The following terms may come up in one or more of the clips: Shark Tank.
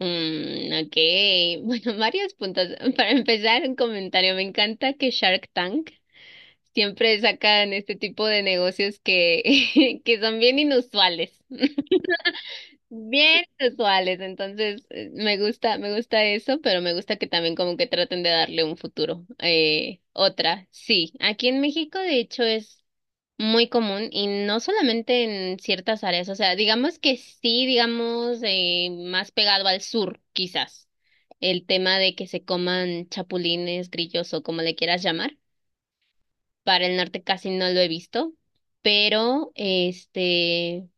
Ok, bueno, varios puntos. Para empezar, un comentario. Me encanta que Shark Tank siempre sacan este tipo de negocios que, que son bien inusuales, bien inusuales. Entonces, me gusta eso, pero me gusta que también como que traten de darle un futuro. Otra, sí, aquí en México de hecho es muy común y no solamente en ciertas áreas, o sea, digamos que sí, digamos, más pegado al sur, quizás, el tema de que se coman chapulines, grillos o como le quieras llamar. Para el norte casi no lo he visto, pero este,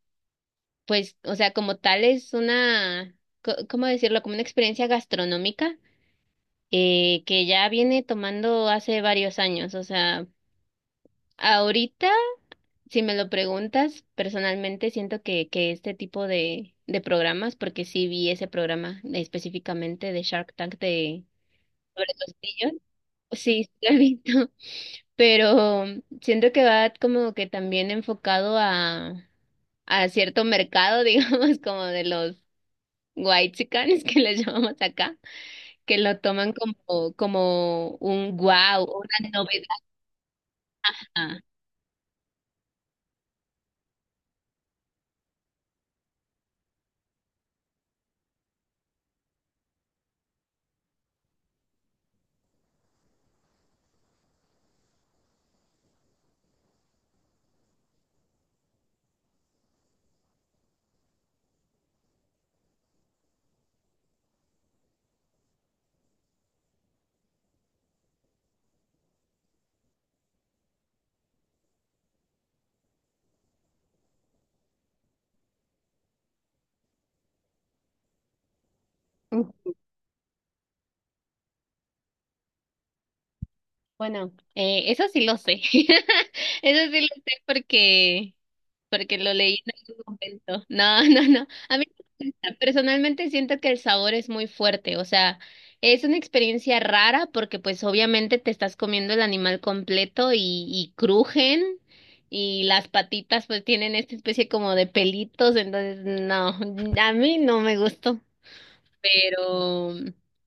pues, o sea, como tal es una, ¿cómo decirlo? Como una experiencia gastronómica que ya viene tomando hace varios años, o sea, ahorita. Si me lo preguntas, personalmente siento que este tipo de programas, porque sí vi ese programa específicamente de Shark Tank, de sobre los brillos, sí, sí lo he visto, pero siento que va como que también enfocado a cierto mercado, digamos, como de los whitexicanes que les llamamos acá, que lo toman como, como un wow, una novedad. Bueno, eso sí lo sé. Eso sí lo sé porque lo leí en algún momento. No, no, no. A mí me gusta. Personalmente siento que el sabor es muy fuerte. O sea, es una experiencia rara porque pues obviamente te estás comiendo el animal completo y crujen y las patitas pues tienen esta especie como de pelitos. Entonces, no, a mí no me gustó. Pero,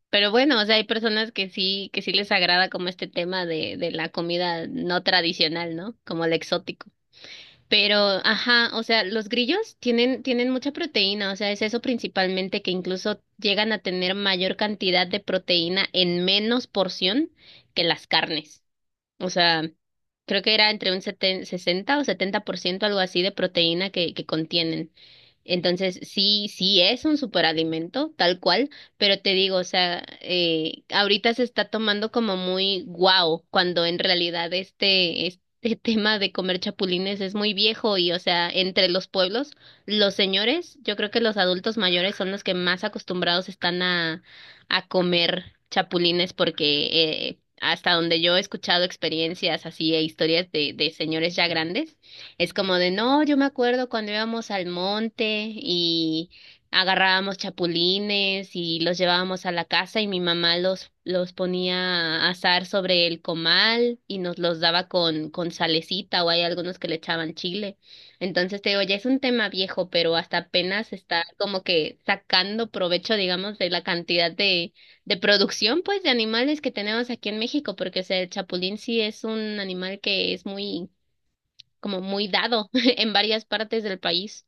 pero bueno, o sea, hay personas que sí les agrada como este tema de la comida no tradicional, ¿no? Como el exótico. Pero, ajá, o sea, los grillos tienen, tienen mucha proteína, o sea, es eso principalmente, que incluso llegan a tener mayor cantidad de proteína en menos porción que las carnes. O sea, creo que era entre un 60 o 70%, algo así, de proteína que contienen. Entonces, sí, sí es un superalimento, tal cual, pero te digo, o sea, ahorita se está tomando como muy guau, cuando en realidad este, este tema de comer chapulines es muy viejo y, o sea, entre los pueblos, los señores, yo creo que los adultos mayores son los que más acostumbrados están a comer chapulines porque hasta donde yo he escuchado experiencias así e historias de señores ya grandes, es como de, no, yo me acuerdo cuando íbamos al monte y agarrábamos chapulines y los llevábamos a la casa y mi mamá los ponía a asar sobre el comal y nos los daba con salecita, o hay algunos que le echaban chile. Entonces te digo, ya es un tema viejo, pero hasta apenas está como que sacando provecho, digamos, de la cantidad de producción, pues, de animales que tenemos aquí en México, porque, o sea, el chapulín sí es un animal que es muy, como muy dado en varias partes del país.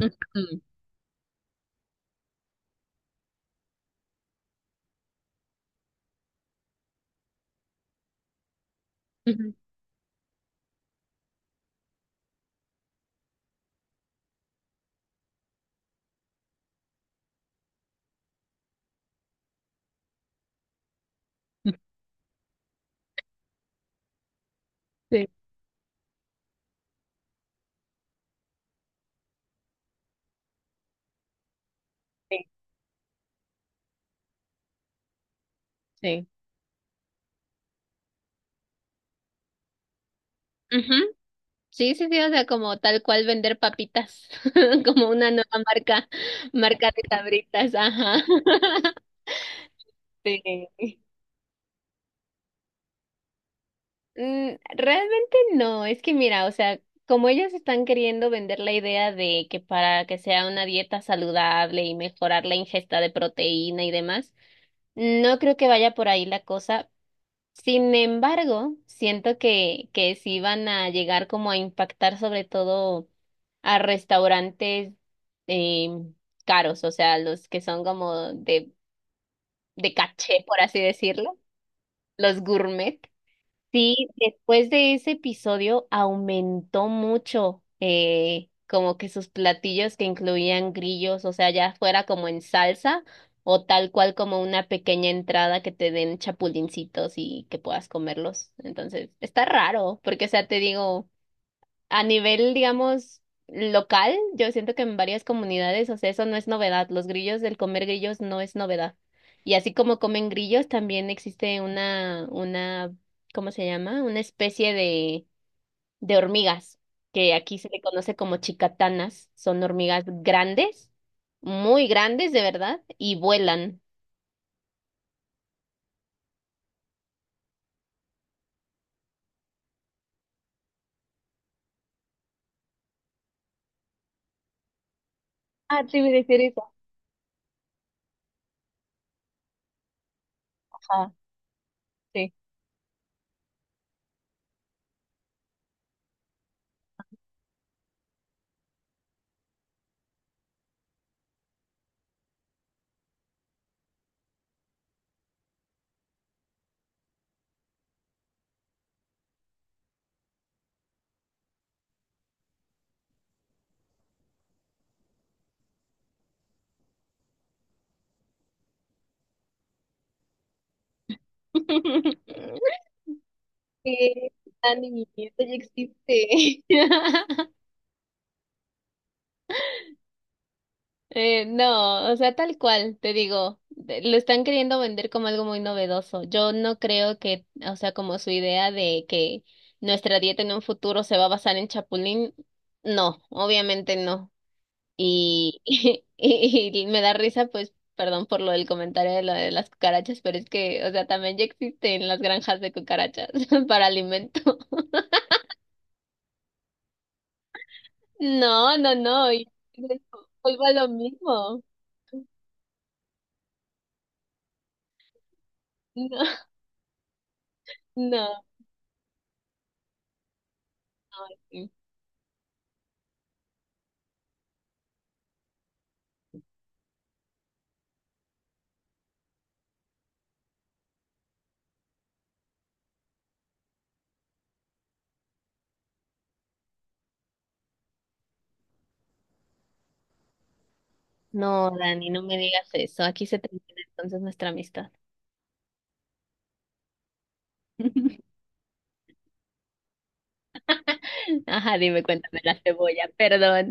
Ujú. Ujú. Sí, sí, sí. Ujú. Sí, sí, sí, o sea, como tal cual vender papitas, como una nueva marca, marca de Sabritas, ajá. Sí. Mm, realmente no, es que mira, o sea, como ellos están queriendo vender la idea de que para que sea una dieta saludable y mejorar la ingesta de proteína y demás, no creo que vaya por ahí la cosa. Sin embargo, siento que sí van a llegar como a impactar sobre todo a restaurantes em, caros, o sea, los que son como de caché, por así decirlo, los gourmet. Sí, después de ese episodio aumentó mucho como que sus platillos que incluían grillos, o sea, ya fuera como en salsa o tal cual como una pequeña entrada que te den chapulincitos y que puedas comerlos. Entonces, está raro, porque o sea, te digo... A nivel, digamos, local, yo siento que en varias comunidades, o sea, eso no es novedad. Los grillos, el comer grillos no es novedad. Y así como comen grillos, también existe una, ¿cómo se llama? Una especie de hormigas, que aquí se le conoce como chicatanas. Son hormigas grandes, muy grandes, de verdad, y vuelan. Ah, sí, me refieres a- Ajá, sí. Sí, Dani, esto ya existe. No, o sea, tal cual, te digo, lo están queriendo vender como algo muy novedoso. Yo no creo que, o sea, como su idea de que nuestra dieta en un futuro se va a basar en chapulín, no, obviamente no. Y, y me da risa, pues, perdón por lo del comentario de lo de las cucarachas, pero es que, o sea, también ya existen las granjas de cucarachas para alimento. No, no, no, y vuelvo a lo mismo. No, no, no. Sí. No, Dani, no me digas eso. Aquí se termina entonces nuestra amistad. Ajá, dime, cuéntame la cebolla, perdón.